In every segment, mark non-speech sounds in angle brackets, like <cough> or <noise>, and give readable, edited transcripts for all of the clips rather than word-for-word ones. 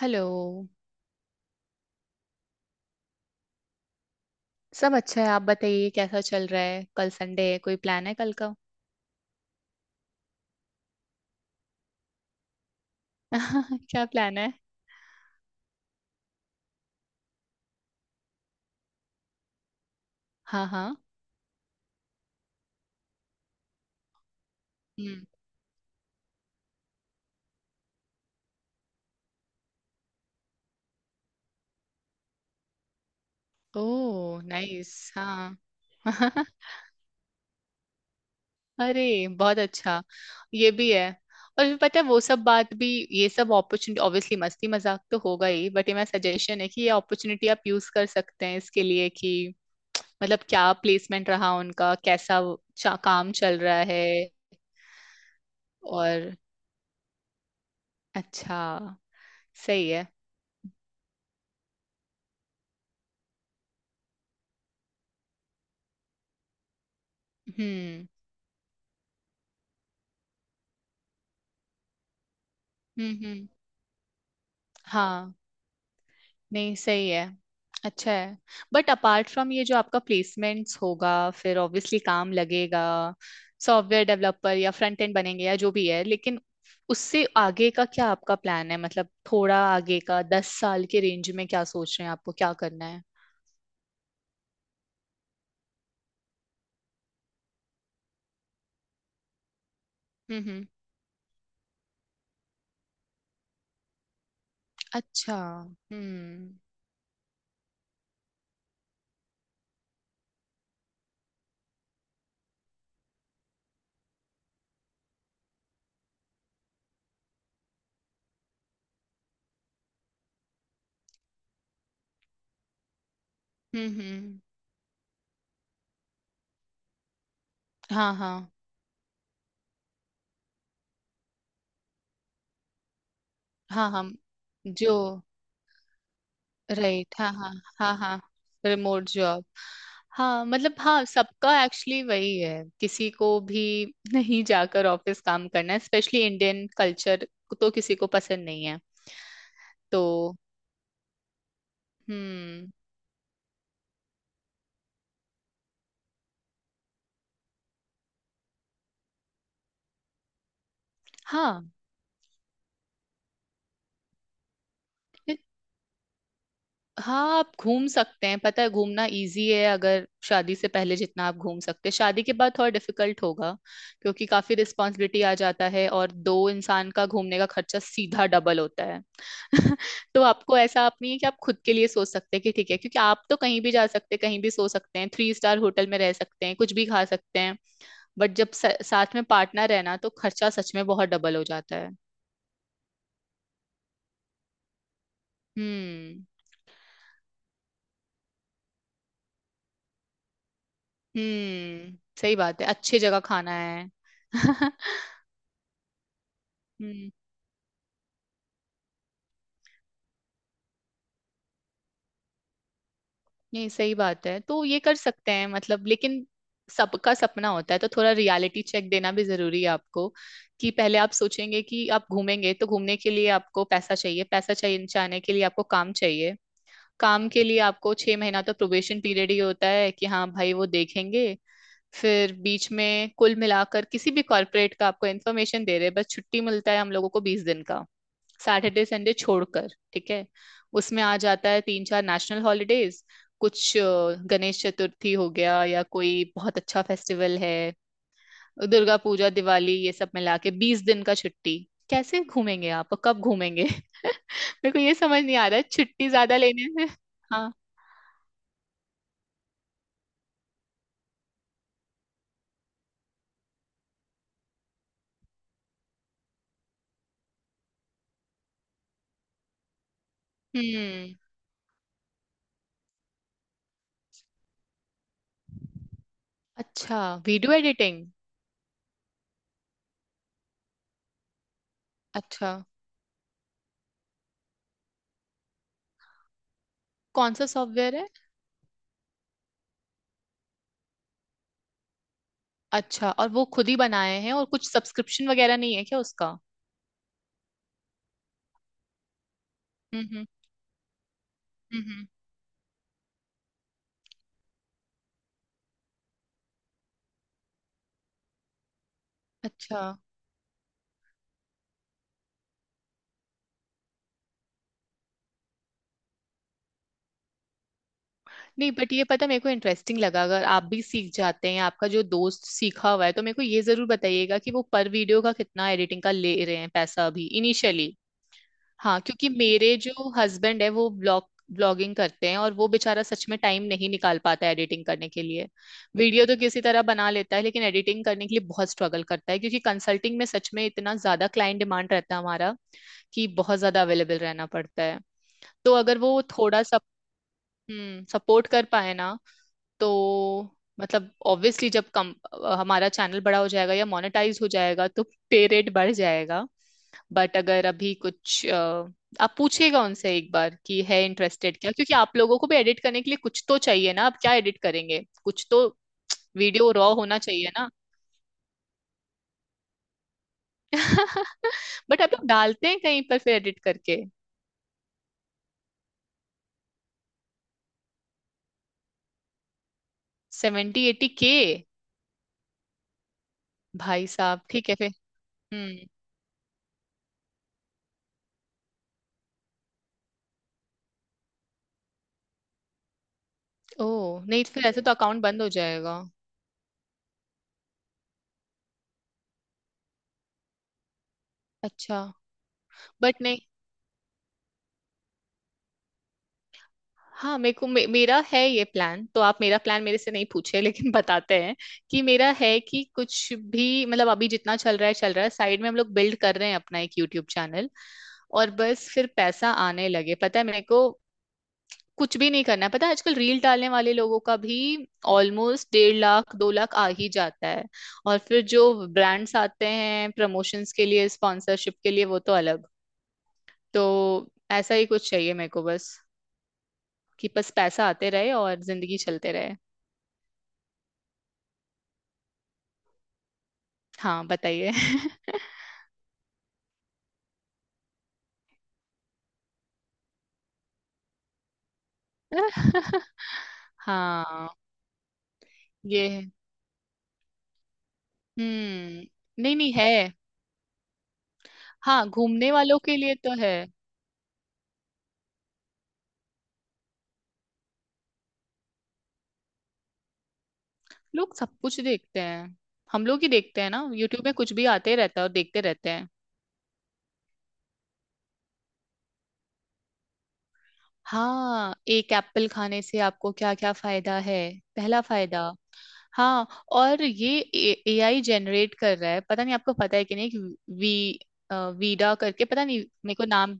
Hello. सब अच्छा है, आप बताइए कैसा चल रहा है। कल संडे है, कोई प्लान है कल का? <laughs> क्या प्लान है? हाँ हाँ। हम्म। Oh nice. हाँ। <laughs> अरे बहुत अच्छा। ये भी है। और फिर पता है वो सब बात भी। ये सब अपॉर्चुनिटी ऑब्वियसली मस्ती मजाक तो होगा ही, बट ये मेरा सजेशन है कि ये अपॉर्चुनिटी आप यूज कर सकते हैं इसके लिए कि मतलब क्या प्लेसमेंट रहा उनका, कैसा वो काम चल रहा है। और? अच्छा। सही है। हम्म हम्म। हाँ। नहीं सही है। अच्छा है। बट अपार्ट फ्रॉम ये जो आपका प्लेसमेंट्स होगा फिर ऑब्वियसली काम लगेगा, सॉफ्टवेयर डेवलपर या फ्रंट एंड बनेंगे या जो भी है, लेकिन उससे आगे का क्या आपका प्लान है? मतलब थोड़ा आगे का, 10 साल के रेंज में क्या सोच रहे हैं, आपको क्या करना है? हम्म। अच्छा हम्म। हम्म। हाँ हाँ। हाँ हम जो, राइट। हाँ हाँ। हाँ हाँ। Remote job. हाँ मतलब हाँ, सबका एक्चुअली वही है, किसी को भी नहीं जाकर ऑफिस काम करना है, स्पेशली इंडियन कल्चर तो किसी को पसंद नहीं है। तो। हम्म। हाँ हाँ, आप घूम सकते हैं। पता है घूमना इजी है अगर शादी से पहले जितना आप घूम सकते हैं, शादी के बाद थोड़ा डिफिकल्ट होगा क्योंकि काफी रिस्पॉन्सिबिलिटी आ जाता है और दो इंसान का घूमने का खर्चा सीधा डबल होता है। <laughs> तो आपको ऐसा आप नहीं है कि आप खुद के लिए सोच सकते हैं कि ठीक है, क्योंकि आप तो कहीं भी जा सकते हैं, कहीं भी सो सकते हैं, थ्री स्टार होटल में रह सकते हैं, कुछ भी खा सकते हैं, बट जब साथ में पार्टनर है ना तो खर्चा सच में बहुत डबल हो जाता है। हम्म सही बात है, अच्छी जगह खाना है। <laughs> हम्म। नहीं सही बात है, तो ये कर सकते हैं मतलब, लेकिन सबका सपना होता है, तो थोड़ा रियलिटी चेक देना भी जरूरी है आपको कि पहले आप सोचेंगे कि आप घूमेंगे, तो घूमने के लिए आपको पैसा चाहिए, पैसा चाहिए जाने के लिए, आपको काम चाहिए, काम के लिए आपको 6 महीना तो प्रोबेशन पीरियड ही होता है कि हाँ भाई वो देखेंगे। फिर बीच में कुल मिलाकर किसी भी कॉर्पोरेट का आपको इन्फॉर्मेशन दे रहे हैं, बस छुट्टी मिलता है हम लोगों को 20 दिन का, सैटरडे संडे छोड़कर। ठीक है, उसमें आ जाता है तीन चार नेशनल हॉलीडेज, कुछ गणेश चतुर्थी हो गया या कोई बहुत अच्छा फेस्टिवल है, दुर्गा पूजा, दिवाली, ये सब मिला के 20 दिन का छुट्टी। कैसे घूमेंगे आप और कब घूमेंगे? <laughs> मेरे को ये समझ नहीं आ रहा है छुट्टी ज्यादा लेने से। हाँ। हम्म। अच्छा। Video editing. अच्छा, कौन सा सॉफ्टवेयर है? अच्छा, और वो खुद ही बनाए हैं और कुछ सब्सक्रिप्शन वगैरह नहीं है क्या उसका? हम्म। हम्म हम्म, अच्छा। नहीं बट ये पता, मेरे को इंटरेस्टिंग लगा, अगर आप भी सीख जाते हैं, आपका जो दोस्त सीखा हुआ है, तो मेरे को ये जरूर बताइएगा कि वो पर वीडियो का कितना एडिटिंग का ले रहे हैं पैसा, अभी इनिशियली। हाँ, क्योंकि मेरे जो हस्बैंड है वो ब्लॉगिंग करते हैं, और वो बेचारा सच में टाइम नहीं निकाल पाता है एडिटिंग करने के लिए। वीडियो तो किसी तरह बना लेता है, लेकिन एडिटिंग करने के लिए बहुत स्ट्रगल करता है, क्योंकि कंसल्टिंग में सच में इतना ज्यादा क्लाइंट डिमांड रहता है हमारा कि बहुत ज्यादा अवेलेबल रहना पड़ता है। तो अगर वो थोड़ा सा सपोर्ट कर पाए ना, तो मतलब ऑब्वियसली जब कम हमारा चैनल बड़ा हो जाएगा या मोनेटाइज हो जाएगा, तो पे रेट बढ़ जाएगा। बट अगर अभी कुछ आप पूछिएगा उनसे एक बार कि है इंटरेस्टेड क्या, क्योंकि आप लोगों को भी एडिट करने के लिए कुछ तो चाहिए ना, आप क्या एडिट करेंगे, कुछ तो वीडियो रॉ होना चाहिए ना। <laughs> बट आप लोग डालते हैं कहीं पर फिर एडिट करके? सेवेंटी एटी के? भाई साहब ठीक है फिर। हम्म। ओह नहीं, तो फिर ऐसे तो अकाउंट बंद हो जाएगा। अच्छा। बट नहीं। हाँ मेरे को मेरा है ये प्लान, तो आप मेरा प्लान मेरे से नहीं पूछे लेकिन <laughs> बताते हैं कि मेरा है कि कुछ भी मतलब, अभी जितना चल रहा है चल रहा है, साइड में हम लोग बिल्ड कर रहे हैं अपना एक यूट्यूब चैनल, और बस फिर पैसा आने लगे, पता है मेरे को कुछ भी नहीं करना है। पता है आजकल रील डालने वाले लोगों का भी ऑलमोस्ट 1.5 लाख 2 लाख आ ही जाता है, और फिर जो ब्रांड्स आते हैं प्रमोशंस के लिए, स्पॉन्सरशिप के लिए, वो तो अलग। तो ऐसा ही कुछ चाहिए मेरे को, बस कि बस पैसा आते रहे और जिंदगी चलते रहे। हाँ बताइए। <laughs> हाँ ये है। हम्म। नहीं नहीं है। हाँ, घूमने वालों के लिए तो है। लोग सब कुछ देखते हैं। हम लोग ही देखते हैं ना, यूट्यूब में कुछ भी आते रहता है और देखते रहते हैं। हाँ, एक एप्पल खाने से आपको क्या क्या फायदा है, पहला फायदा। हाँ। और ये AI जनरेट कर रहा है, पता नहीं आपको पता है कि नहीं, एक वीडा करके, पता नहीं मेरे को नाम,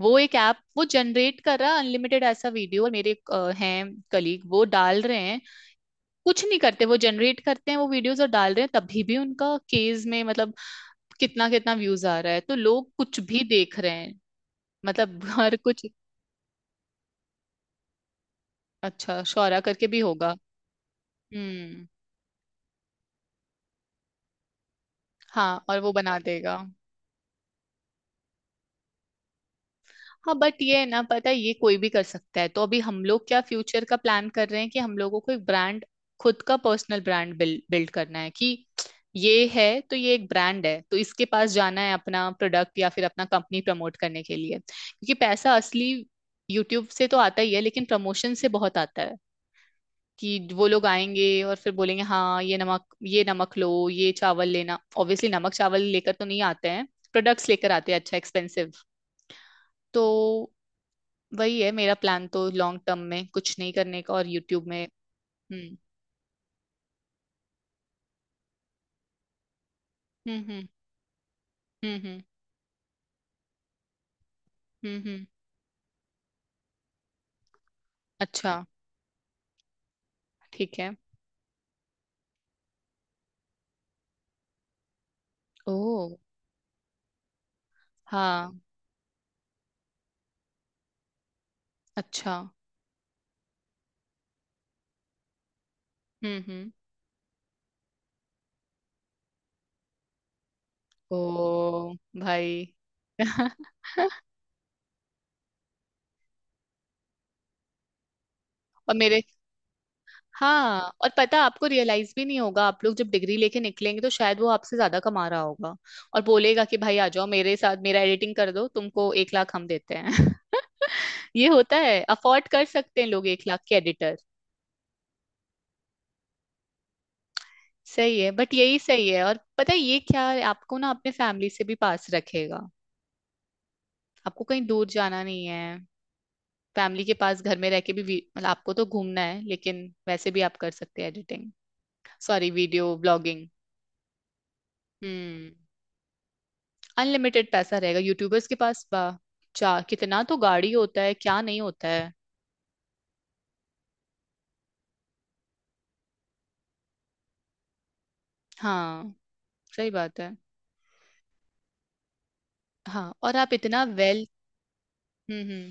वो एक ऐप वो जनरेट कर रहा है अनलिमिटेड ऐसा वीडियो, और मेरे हैं कलीग, वो डाल रहे हैं, कुछ नहीं करते, वो जनरेट करते हैं वो वीडियोस और डाल रहे हैं, तभी भी उनका केस में मतलब कितना कितना व्यूज आ रहा है, तो लोग कुछ भी देख रहे हैं मतलब <laughs> हर कुछ। अच्छा, शौरा करके भी होगा। हम्म। हाँ और वो बना देगा। हाँ, बट ये है ना, पता है ये कोई भी कर सकता है, तो अभी हम लोग क्या फ्यूचर का प्लान कर रहे हैं कि हम लोगों को एक ब्रांड, खुद का पर्सनल ब्रांड बिल्ड बिल्ड करना है कि ये है, तो ये एक ब्रांड है, तो इसके पास जाना है अपना प्रोडक्ट या फिर अपना कंपनी प्रमोट करने के लिए, क्योंकि पैसा असली यूट्यूब से तो आता ही है, लेकिन प्रमोशन से बहुत आता है कि वो लोग आएंगे और फिर बोलेंगे हाँ ये नमक, ये नमक लो, ये चावल लेना, ऑब्वियसली नमक चावल लेकर तो नहीं आते हैं, प्रोडक्ट्स लेकर आते हैं, अच्छा एक्सपेंसिव। तो वही है मेरा प्लान, तो लॉन्ग टर्म में कुछ नहीं करने का और यूट्यूब में। हम्म हम्म हम्म हम्म हम्म हम्म हम्म, अच्छा। ठीक है। ओ। हाँ। अच्छा। हम्म। ओ। भाई। <laughs> और मेरे। हाँ और पता है, आपको रियलाइज भी नहीं होगा, आप लोग जब डिग्री लेके निकलेंगे तो शायद वो आपसे ज्यादा कमा रहा होगा, और बोलेगा कि भाई आ जाओ मेरे साथ, मेरा एडिटिंग कर दो, तुमको 1 लाख हम देते हैं। <laughs> ये होता है, अफोर्ड कर सकते हैं लोग 1 लाख के एडिटर। सही है, बट यही सही है। और पता है ये क्या है, आपको ना अपने फैमिली से भी पास रखेगा, आपको कहीं दूर जाना नहीं है, फैमिली के पास घर में रह के भी मतलब आपको तो घूमना है लेकिन वैसे भी आप कर सकते हैं editing, sorry video blogging. Hmm. Unlimited पैसा रहेगा यूट्यूबर्स के पास, वाह। चार कितना तो गाड़ी होता है क्या, नहीं होता है? हाँ सही बात है। हाँ और आप इतना वेल। हम्म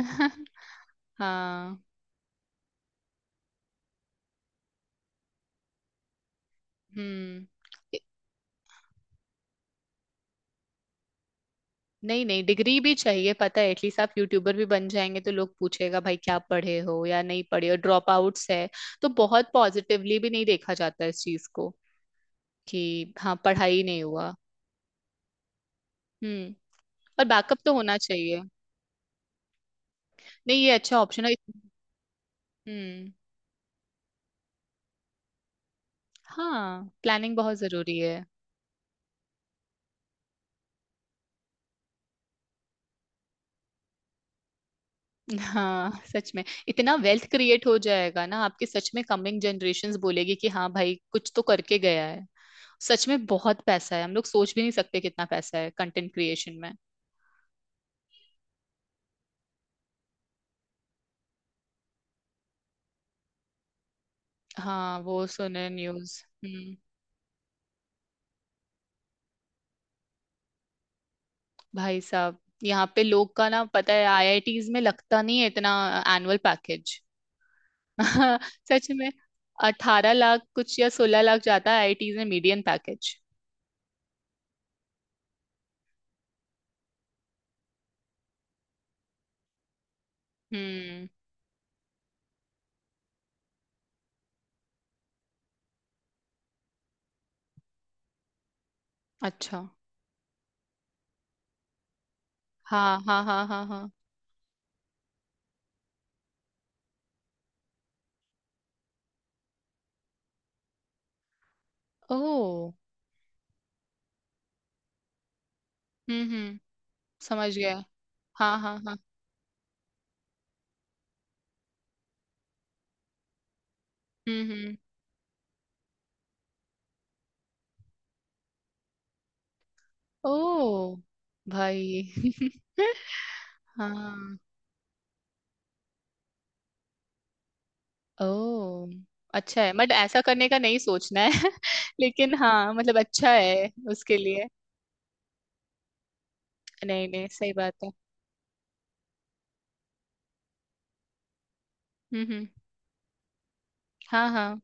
हम्म। <laughs> हाँ। हम्म। नहीं नहीं, डिग्री भी चाहिए, पता है एटलीस्ट। आप यूट्यूबर भी बन जाएंगे तो लोग पूछेगा भाई क्या पढ़े हो या नहीं पढ़े हो, ड्रॉप आउट्स है, तो बहुत पॉजिटिवली भी नहीं देखा जाता है इस चीज को कि हाँ पढ़ाई नहीं हुआ। हम्म, और बैकअप तो होना चाहिए। नहीं ये अच्छा ऑप्शन है। हम्म। हाँ, प्लानिंग बहुत जरूरी है। हाँ सच में, इतना वेल्थ क्रिएट हो जाएगा ना आपके, सच में कमिंग जनरेशंस बोलेगी कि हाँ भाई कुछ तो करके गया है। सच में बहुत पैसा है, हम लोग सोच भी नहीं सकते कितना पैसा है कंटेंट क्रिएशन में। हाँ वो सुने न्यूज। हम्म। भाई साहब यहाँ पे लोग का ना, पता है IITs में लगता नहीं है इतना एनुअल पैकेज। <laughs> सच में। 18 लाख कुछ या 16 लाख जाता है IITs में मीडियन पैकेज। हम्म। अच्छा। हाँ हाँ हाँ हाँ हाँ। ओ। हम्म। समझ गया। हाँ हाँ हाँ। हम्म। ओ। भाई। <laughs> हाँ। ओ। अच्छा है, बट ऐसा करने का नहीं सोचना है, <laughs> लेकिन हाँ मतलब अच्छा है उसके लिए। नहीं नहीं सही बात है। हम्म। हाँ हाँ।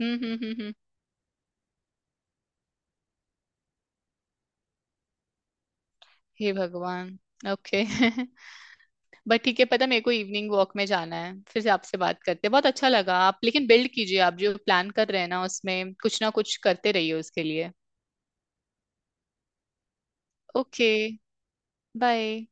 हम्म। हे भगवान। ओके। <laughs> बट ठीक है, पता मेरे को इवनिंग वॉक में जाना है, फिर से आपसे बात करते हैं, बहुत अच्छा लगा आप, लेकिन बिल्ड कीजिए आप जो प्लान कर रहे हैं ना, उसमें कुछ ना कुछ करते रहिए उसके लिए। ओके। बाय।